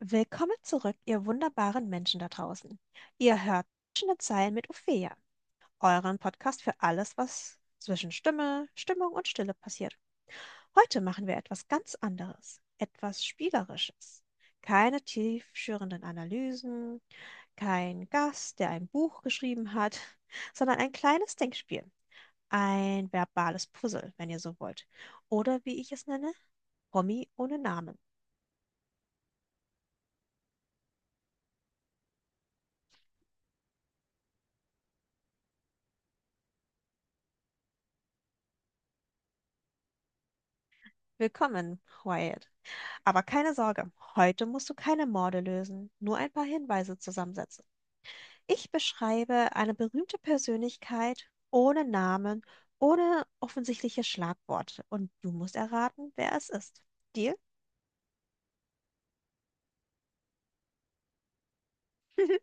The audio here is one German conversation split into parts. Willkommen zurück, ihr wunderbaren Menschen da draußen. Ihr hört zwischen den Zeilen mit Ophelia, euren Podcast für alles, was zwischen Stimme, Stimmung und Stille passiert. Heute machen wir etwas ganz anderes, etwas Spielerisches. Keine tiefschürenden Analysen, kein Gast, der ein Buch geschrieben hat, sondern ein kleines Denkspiel, ein verbales Puzzle, wenn ihr so wollt. Oder wie ich es nenne, Promi ohne Namen. Willkommen, Wyatt. Aber keine Sorge, heute musst du keine Morde lösen, nur ein paar Hinweise zusammensetzen. Ich beschreibe eine berühmte Persönlichkeit ohne Namen, ohne offensichtliche Schlagworte und du musst erraten, wer es ist. Deal?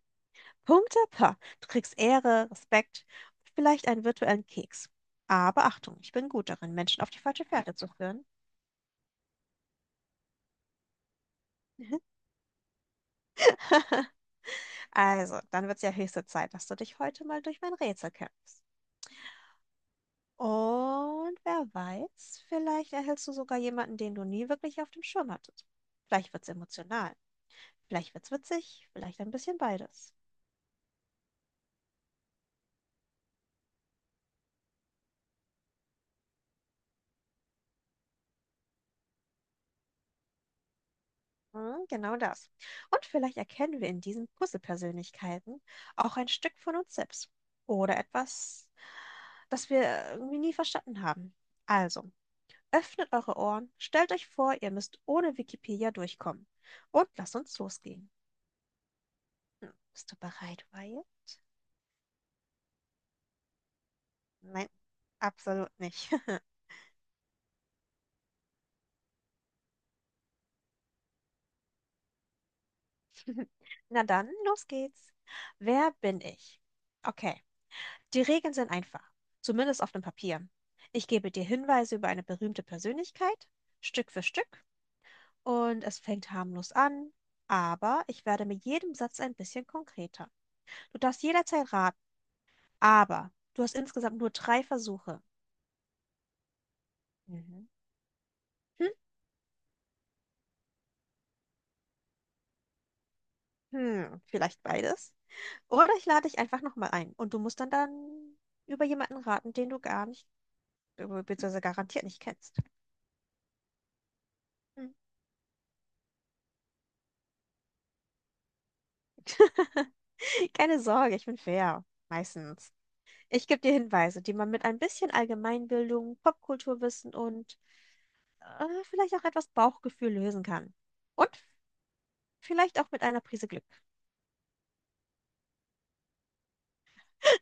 Punkte? Pah, du kriegst Ehre, Respekt, vielleicht einen virtuellen Keks. Aber Achtung, ich bin gut darin, Menschen auf die falsche Fährte zu führen. Also, dann wird es ja höchste Zeit, dass du dich heute mal durch mein Rätsel kämpfst. Und wer weiß, vielleicht erhältst du sogar jemanden, den du nie wirklich auf dem Schirm hattest. Vielleicht wird's emotional, vielleicht wird's witzig, vielleicht ein bisschen beides. Hm, genau das. Und vielleicht erkennen wir in diesen Puzzle-Persönlichkeiten auch ein Stück von uns selbst oder etwas, das wir irgendwie nie verstanden haben. Also, öffnet eure Ohren, stellt euch vor, ihr müsst ohne Wikipedia durchkommen und lasst uns losgehen. Hm, bist du bereit, Wyatt? Nein, absolut nicht. Na dann, los geht's. Wer bin ich? Okay, die Regeln sind einfach, zumindest auf dem Papier. Ich gebe dir Hinweise über eine berühmte Persönlichkeit, Stück für Stück, und es fängt harmlos an, aber ich werde mit jedem Satz ein bisschen konkreter. Du darfst jederzeit raten, aber du hast insgesamt nur drei Versuche. Mhm. Hm? Hm, vielleicht beides. Oder ich lade dich einfach nochmal ein und du musst dann über jemanden raten, den du gar nicht beziehungsweise garantiert nicht kennst. Hm. Keine Sorge, ich bin fair. Meistens. Ich gebe dir Hinweise, die man mit ein bisschen Allgemeinbildung, Popkulturwissen und vielleicht auch etwas Bauchgefühl lösen kann. Und vielleicht auch mit einer Prise Glück.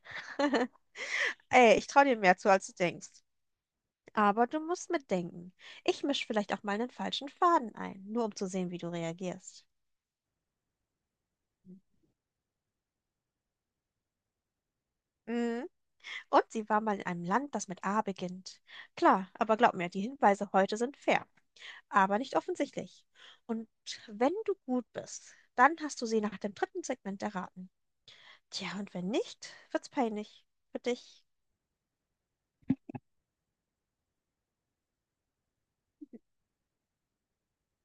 Ey, ich traue dir mehr zu, als du denkst. Aber du musst mitdenken. Ich mische vielleicht auch mal einen falschen Faden ein, nur um zu sehen, wie du reagierst. Mhm. Und sie war mal in einem Land, das mit A beginnt. Klar, aber glaub mir, die Hinweise heute sind fair, aber nicht offensichtlich. Und wenn du gut bist, dann hast du sie nach dem dritten Segment erraten. Tja, und wenn nicht, wird's peinlich für dich.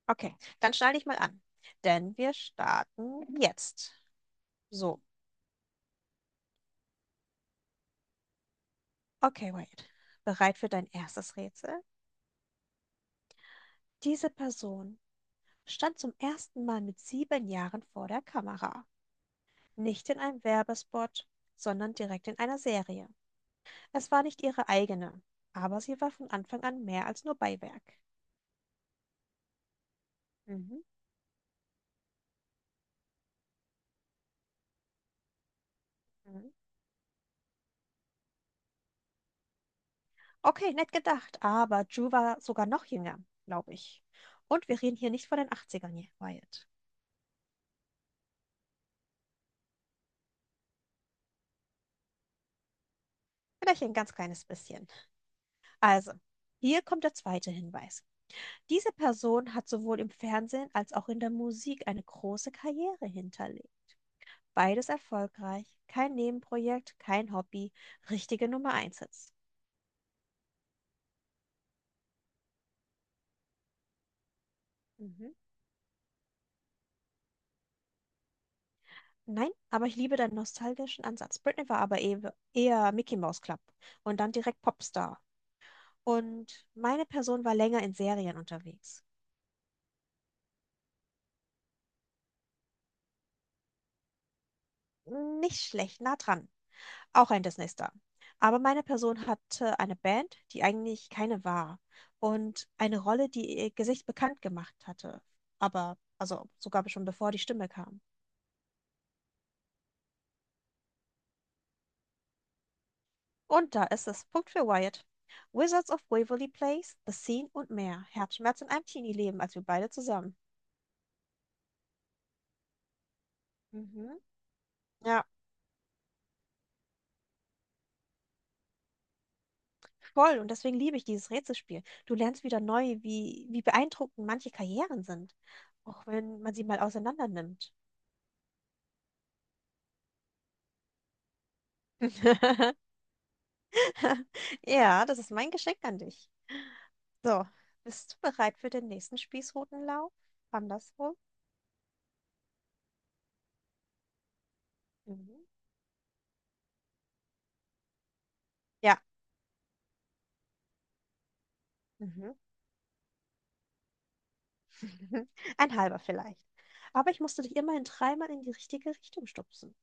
Okay, dann schnall dich mal an, denn wir starten jetzt. So, okay, Wade. Bereit für dein erstes Rätsel? Diese Person stand zum ersten Mal mit 7 Jahren vor der Kamera. Nicht in einem Werbespot, sondern direkt in einer Serie. Es war nicht ihre eigene, aber sie war von Anfang an mehr als nur Beiwerk. Mhm. Mhm. Okay, nett gedacht, aber Ju war sogar noch jünger, glaube ich. Und wir reden hier nicht von den Achtzigern, ern hier, Wyatt. Vielleicht ein ganz kleines bisschen. Also, hier kommt der zweite Hinweis. Diese Person hat sowohl im Fernsehen als auch in der Musik eine große Karriere hinterlegt. Beides erfolgreich, kein Nebenprojekt, kein Hobby, richtige Nummer 1. Mhm. Nein, aber ich liebe deinen nostalgischen Ansatz. Britney war aber eher Mickey Mouse Club und dann direkt Popstar. Und meine Person war länger in Serien unterwegs. Nicht schlecht, nah dran. Auch ein Disney-Star. Aber meine Person hatte eine Band, die eigentlich keine war. Und eine Rolle, die ihr Gesicht bekannt gemacht hatte. Aber, also sogar schon bevor die Stimme kam. Und da ist es. Punkt für Wyatt. Wizards of Waverly Place, The Scene und mehr. Herzschmerz in einem Teenie-Leben, als wir beide zusammen. Mhm. Ja, voll. Und deswegen liebe ich dieses Rätselspiel. Du lernst wieder neu, wie beeindruckend manche Karrieren sind, auch wenn man sie mal auseinander nimmt. Ja, das ist mein Geschenk an dich. So, bist du bereit für den nächsten Spießrutenlauf? Andersrum? Mhm. Ja. Mhm. Ein halber vielleicht. Aber ich musste dich immerhin dreimal in die richtige Richtung stupsen.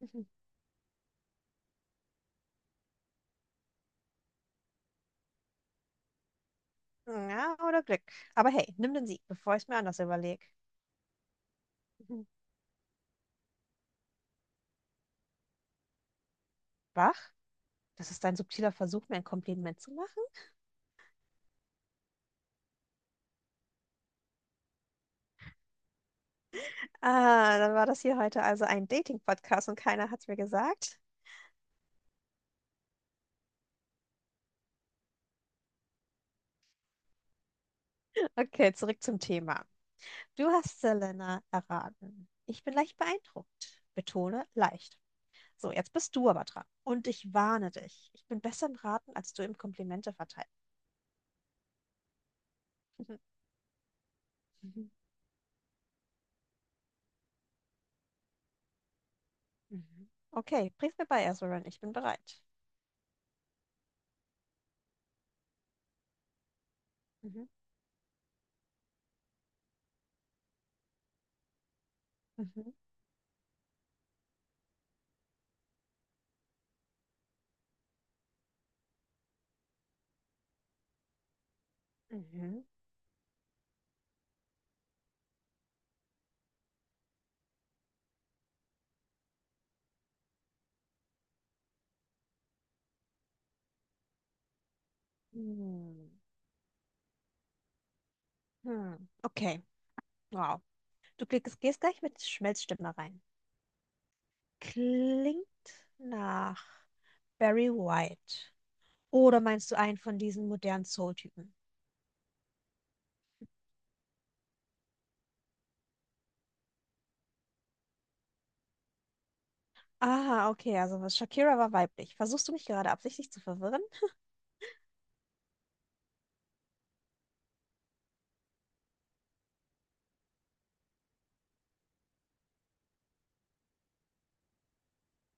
Mhm. Ja, oder Glück. Aber hey, nimm den Sieg, bevor ich es mir anders überlege. Wach? Das ist ein subtiler Versuch, mir ein Kompliment zu machen. Ah, dann war das hier heute also ein Dating-Podcast und keiner hat es mir gesagt. Okay, zurück zum Thema. Du hast Selena erraten. Ich bin leicht beeindruckt. Betone leicht. So, jetzt bist du aber dran. Und ich warne dich. Ich bin besser im Raten, als du im Komplimente verteilen. Mhm, mhm, mhm. Okay, bring's mir bei, Ezrin. Ich bin bereit. Mhm, mhm, mhm. Hm, hm. Okay, wow. Du gehst gleich mit Schmelzstimme rein. Klingt nach Barry White. Oder meinst du einen von diesen modernen Soul-Typen? Ah, okay, also was Shakira war weiblich. Versuchst du mich gerade absichtlich zu verwirren?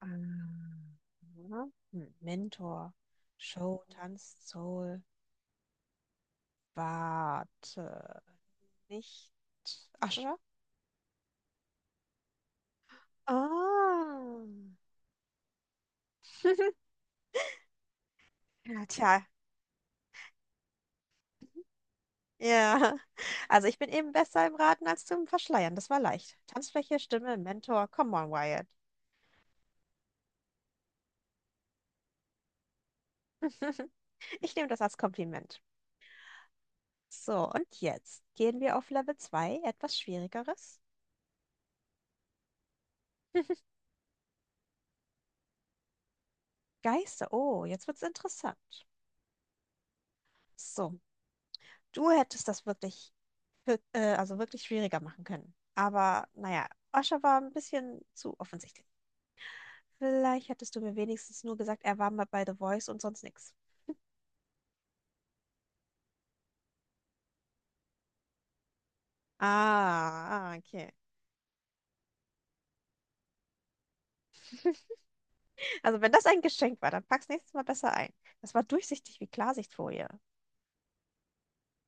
Ah, hm, Mentor, Show, Tanz, Soul, warte, nicht Ascha? Ah. Ja, tja, ja. Also ich bin eben besser im Raten als zum Verschleiern. Das war leicht. Tanzfläche, Stimme, Mentor, come on, Wyatt. Ich nehme das als Kompliment. So, und jetzt gehen wir auf Level 2, etwas Schwierigeres. Geister, oh, jetzt wird's interessant. So, du hättest das wirklich, also wirklich schwieriger machen können. Aber naja, Osha war ein bisschen zu offensichtlich. Vielleicht hättest du mir wenigstens nur gesagt, er war mal bei The Voice und sonst nichts. Ah, ah, okay. Also wenn das ein Geschenk war, dann pack's nächstes Mal besser ein. Das war durchsichtig wie Klarsichtfolie.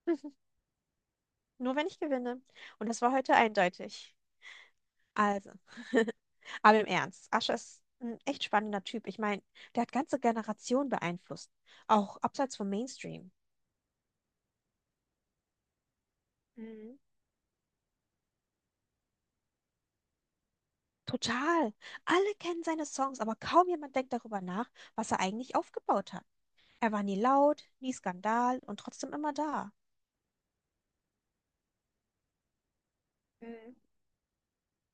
Nur wenn ich gewinne. Und das war heute eindeutig. Also, aber im Ernst, Ascher ist ein echt spannender Typ. Ich meine, der hat ganze Generationen beeinflusst, auch abseits vom Mainstream. Mhm. Total. Alle kennen seine Songs, aber kaum jemand denkt darüber nach, was er eigentlich aufgebaut hat. Er war nie laut, nie Skandal und trotzdem immer da. Mhm.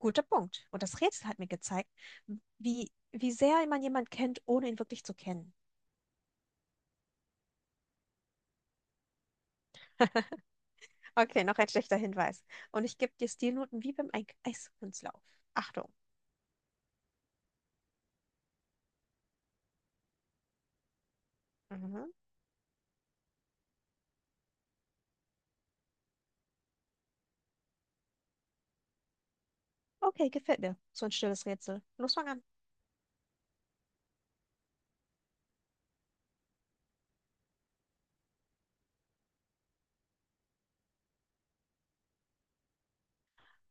Guter Punkt. Und das Rätsel hat mir gezeigt, wie sehr man jemanden kennt, ohne ihn wirklich zu kennen. Okay, noch ein schlechter Hinweis. Und ich gebe dir Stilnoten wie beim Eiskunstlauf. Achtung. Mhm. Okay, gefällt mir. So ein stilles Rätsel. Los, fang an.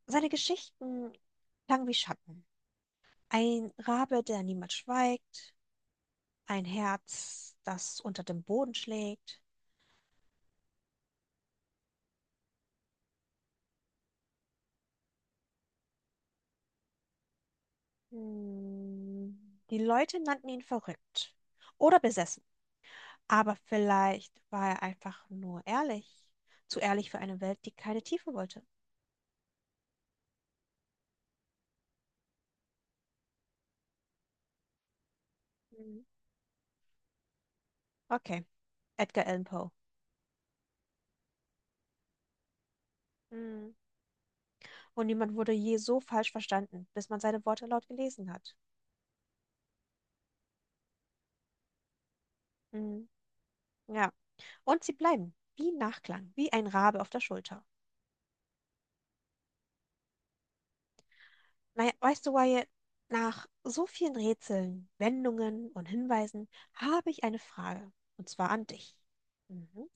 Seine Geschichten klangen wie Schatten. Ein Rabe, der niemals schweigt. Ein Herz, das unter dem Boden schlägt. Hm. Die Leute nannten ihn verrückt oder besessen. Aber vielleicht war er einfach nur ehrlich. Zu ehrlich für eine Welt, die keine Tiefe wollte. Hm. Okay, Edgar Allan Poe. Hm. Und niemand wurde je so falsch verstanden, bis man seine Worte laut gelesen hat. Hm. Ja. Und sie bleiben wie Nachklang, wie ein Rabe auf der Schulter. Naja, weißt du, Wyatt, nach so vielen Rätseln, Wendungen und Hinweisen habe ich eine Frage. Und zwar an dich. Mhm.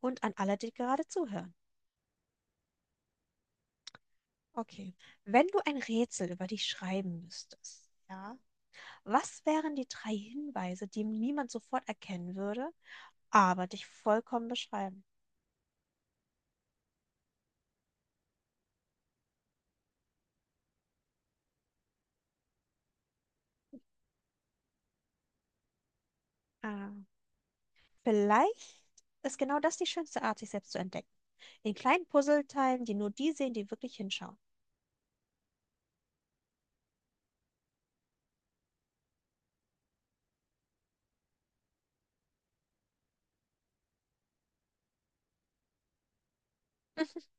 Und an alle, die gerade zuhören. Okay. Wenn du ein Rätsel über dich schreiben müsstest, ja, was wären die drei Hinweise, die niemand sofort erkennen würde, aber dich vollkommen beschreiben? Ah, vielleicht ist genau das die schönste Art, sich selbst zu entdecken, in kleinen Puzzleteilen, die nur die sehen, die wirklich hinschauen.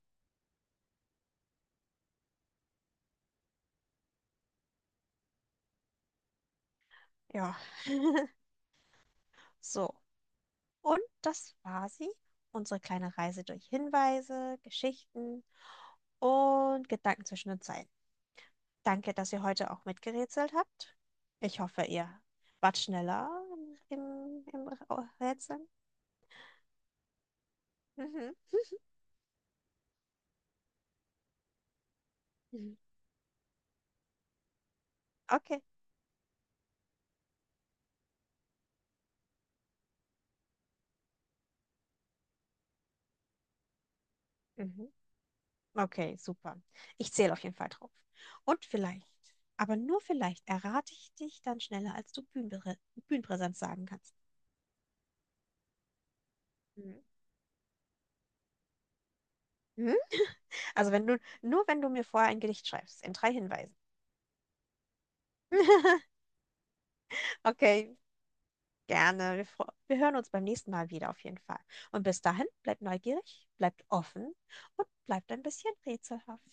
Ja. So, und das war sie, unsere kleine Reise durch Hinweise, Geschichten und Gedanken zwischen den Zeilen. Danke, dass ihr heute auch mitgerätselt habt. Ich hoffe, ihr wart schneller im Rätseln. Mhm. Mhm. Okay. Mhm. Okay, super. Ich zähle auf jeden Fall drauf. Und vielleicht, aber nur vielleicht, errate ich dich dann schneller, als du Bühnenpräsenz sagen kannst. Mhm. Mhm. Also wenn du, nur wenn du mir vorher ein Gedicht schreibst, in drei Hinweisen. Okay, gerne. Wir hören uns beim nächsten Mal wieder auf jeden Fall. Und bis dahin, bleibt neugierig, bleibt offen und bleibt ein bisschen rätselhaft.